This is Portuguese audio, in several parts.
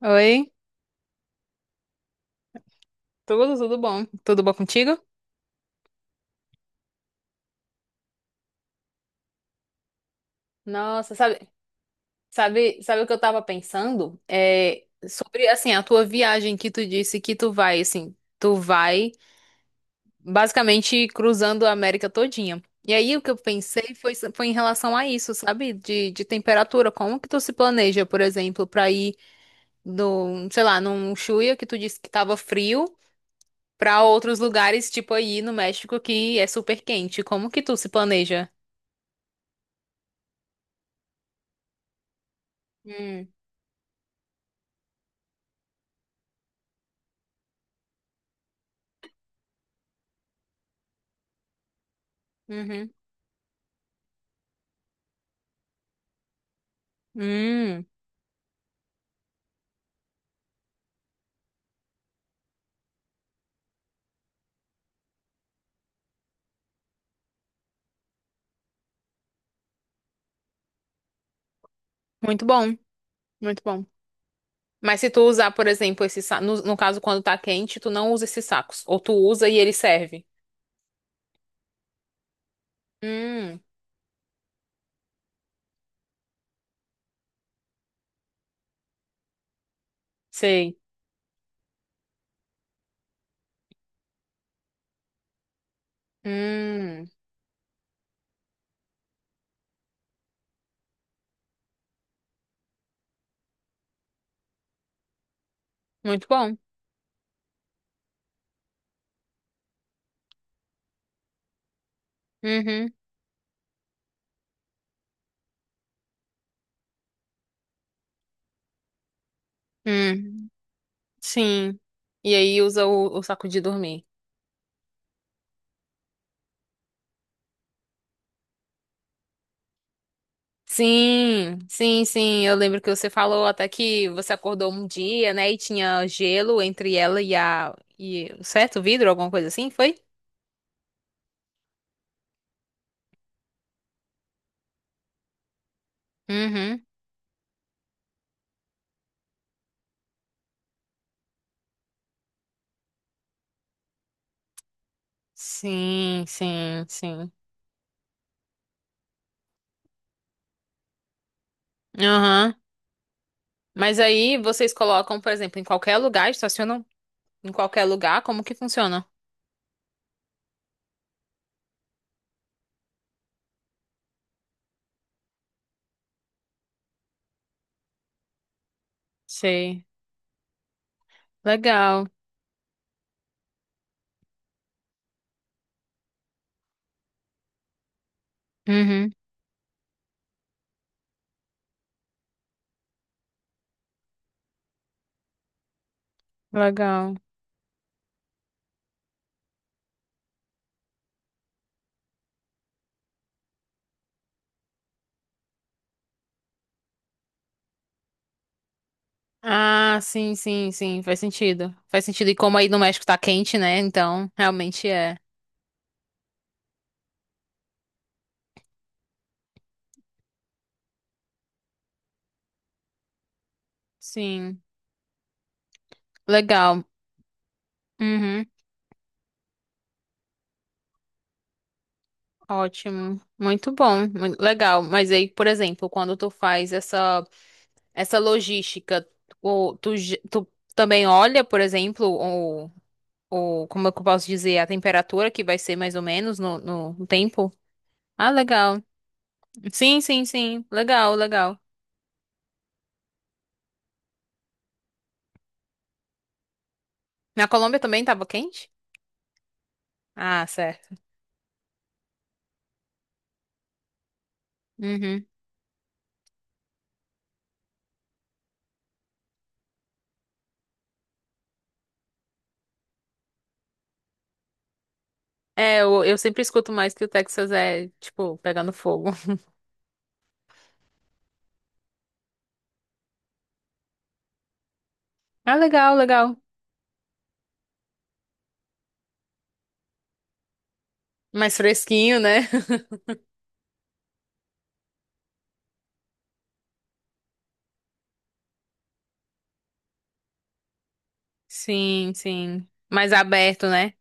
Oi, tudo bom? Tudo bom contigo? Nossa, sabe o que eu tava pensando? É, sobre, assim, a tua viagem que tu disse que tu vai, assim, tu vai basicamente cruzando a América todinha. E aí o que eu pensei foi em relação a isso, sabe? De temperatura, como que tu se planeja, por exemplo, pra ir no, sei lá, num Chuya que tu disse que tava frio, pra outros lugares, tipo aí no México que é super quente. Como que tu se planeja? Hum, uhum. Hum, muito bom, muito bom. Mas se tu usar, por exemplo, no, no caso quando tá quente, tu não usa esses sacos, ou tu usa e ele serve. Hum, sei. Hum, muito bom. Uhum. Hum, sim. E aí usa o saco de dormir. Sim, sim, sim. Eu lembro que você falou até que você acordou um dia, né, e tinha gelo entre ela e a e certo, o vidro, alguma coisa assim, foi? Uhum. Sim, sim, sim. Aham. Mas aí vocês colocam, por exemplo, em qualquer lugar, estacionam em qualquer lugar, como que funciona? Sei. Legal. Uhum. Legal. Ah, sim, sim, sim, faz sentido. Faz sentido. E como aí no México tá quente, né? Então, realmente é. Sim. Legal. Uhum. Ótimo. Muito bom. Legal. Mas aí, por exemplo, quando tu faz essa logística, tu também olha, por exemplo, ou como é que eu posso dizer, a temperatura que vai ser mais ou menos no, no tempo. Ah, legal. Sim, sim, sim. Legal, legal. Na Colômbia também tava quente? Ah, certo. Uhum. É, eu sempre escuto mais que o Texas é, tipo, pegando fogo. Ah, legal, legal. Mais fresquinho, né? Sim, sim. Mais aberto, né?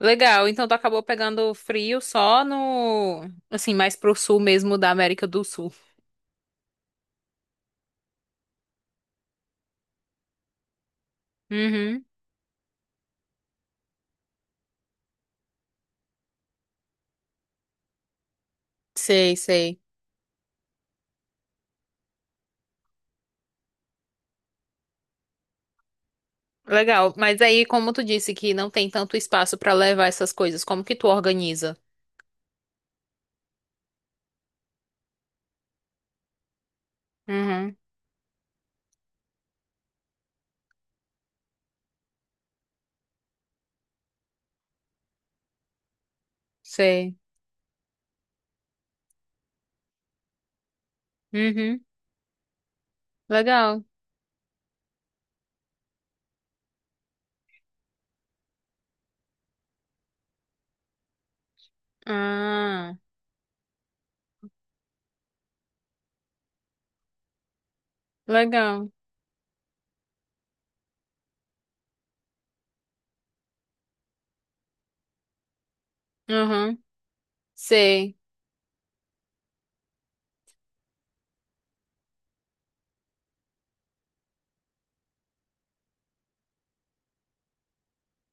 Legal. Então tu acabou pegando frio só no, assim, mais pro sul mesmo da América do Sul. Uhum. Sei, sei. Legal. Mas aí, como tu disse que não tem tanto espaço pra levar essas coisas, como que tu organiza? Uhum, sei. Uhum, legal. Ah, legal. Uhum, sei.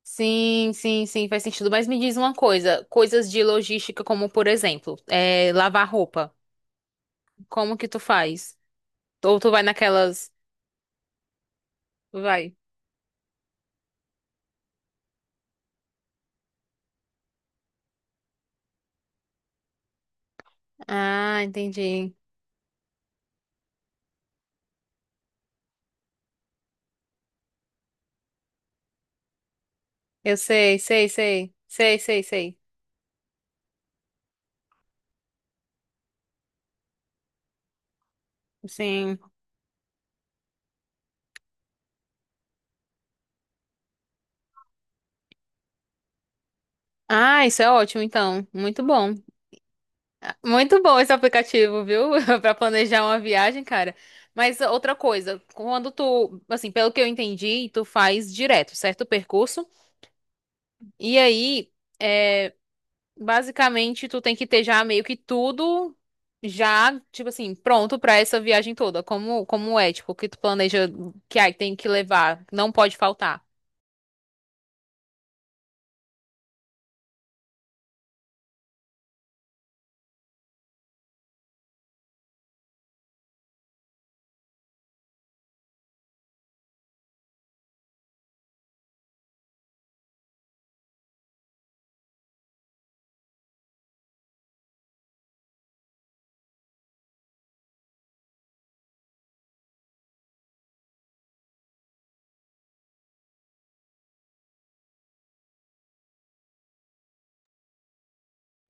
Sim, sim, sim, faz sentido. Mas me diz uma coisa, coisas de logística, como por exemplo, é, lavar roupa. Como que tu faz? Ou tu vai naquelas. Vai. Ah, entendi. Eu sei, sei, sei. Sei, sei, sei. Sim. Ah, isso é ótimo, então. Muito bom. Muito bom esse aplicativo, viu? Pra planejar uma viagem, cara. Mas outra coisa, quando tu, assim, pelo que eu entendi, tu faz direto, certo? O percurso. E aí, é, basicamente, tu tem que ter já meio que tudo já, tipo assim, pronto pra essa viagem toda. Como é, tipo, o que tu planeja que aí tem que levar, não pode faltar.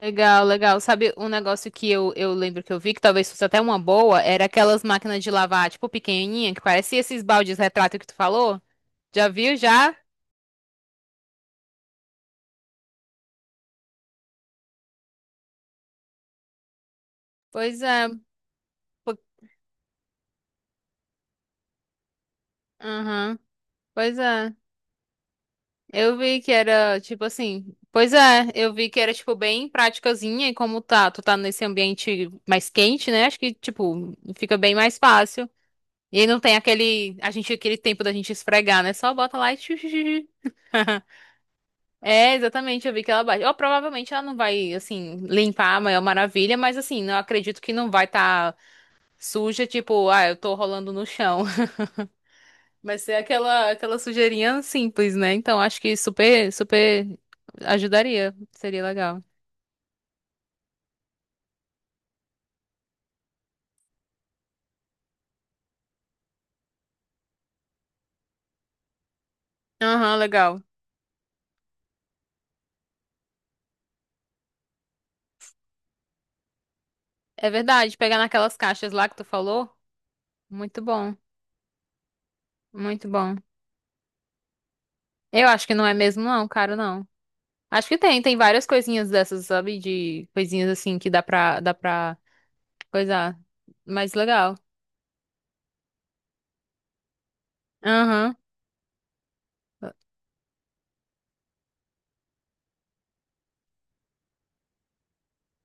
Legal, legal. Sabe um negócio que eu lembro que eu vi, que talvez fosse até uma boa, era aquelas máquinas de lavar, tipo, pequenininha, que parecia esses baldes retrato que tu falou? Já viu, já? Pois é. po- Aham. Pois é. Eu vi que era, tipo assim... Pois é, eu vi que era, tipo, bem praticazinha, e como tá, tu tá nesse ambiente mais quente, né? Acho que, tipo, fica bem mais fácil. E aí não tem aquele, a gente, aquele tempo da gente esfregar, né? Só bota lá e... É, exatamente, eu vi que ela baixa. Ou provavelmente ela não vai, assim, limpar a maior maravilha, mas assim, eu acredito que não vai estar suja, tipo, ah, eu tô rolando no chão. Vai ser aquela, aquela sujeirinha simples, né? Então acho que super, super ajudaria. Seria legal. Aham, legal. É verdade, pegar naquelas caixas lá que tu falou. Muito bom, muito bom. Eu acho que não é mesmo, não, caro, não. Acho que tem várias coisinhas dessas, sabe? De coisinhas assim que dá pra coisar. Mas legal. Aham.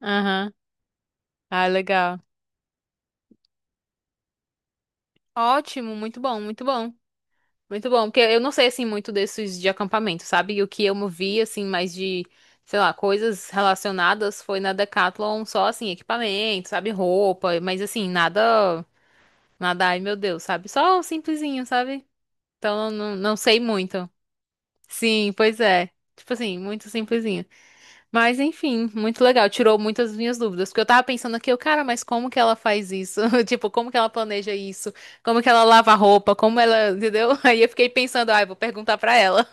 Aham. Ah, legal. Ótimo, muito bom, muito bom. Muito bom, porque eu não sei assim muito desses de acampamento, sabe? E o que eu me vi assim mais de, sei lá, coisas relacionadas foi na Decathlon, só assim equipamento, sabe, roupa, mas assim, nada, nada, ai meu Deus, sabe? Só um simplesinho, sabe? Então eu não, não sei muito. Sim, pois é. Tipo assim, muito simplesinho. Mas enfim, muito legal. Tirou muitas das minhas dúvidas. Porque eu tava pensando aqui, eu, cara, mas como que ela faz isso? Tipo, como que ela planeja isso? Como que ela lava a roupa? Como ela, entendeu? Aí eu fiquei pensando, ai, vou perguntar pra ela.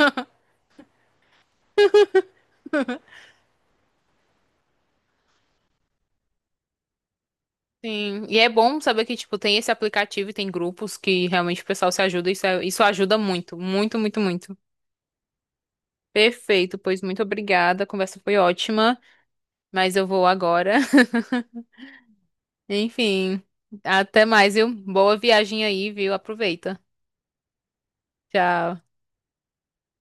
Sim, e é bom saber que, tipo, tem esse aplicativo e tem grupos que realmente o pessoal se ajuda. Isso, é- isso ajuda muito, muito, muito, muito. Perfeito, pois muito obrigada. A conversa foi ótima, mas eu vou agora. Enfim, até mais, viu? Boa viagem aí, viu? Aproveita. Tchau.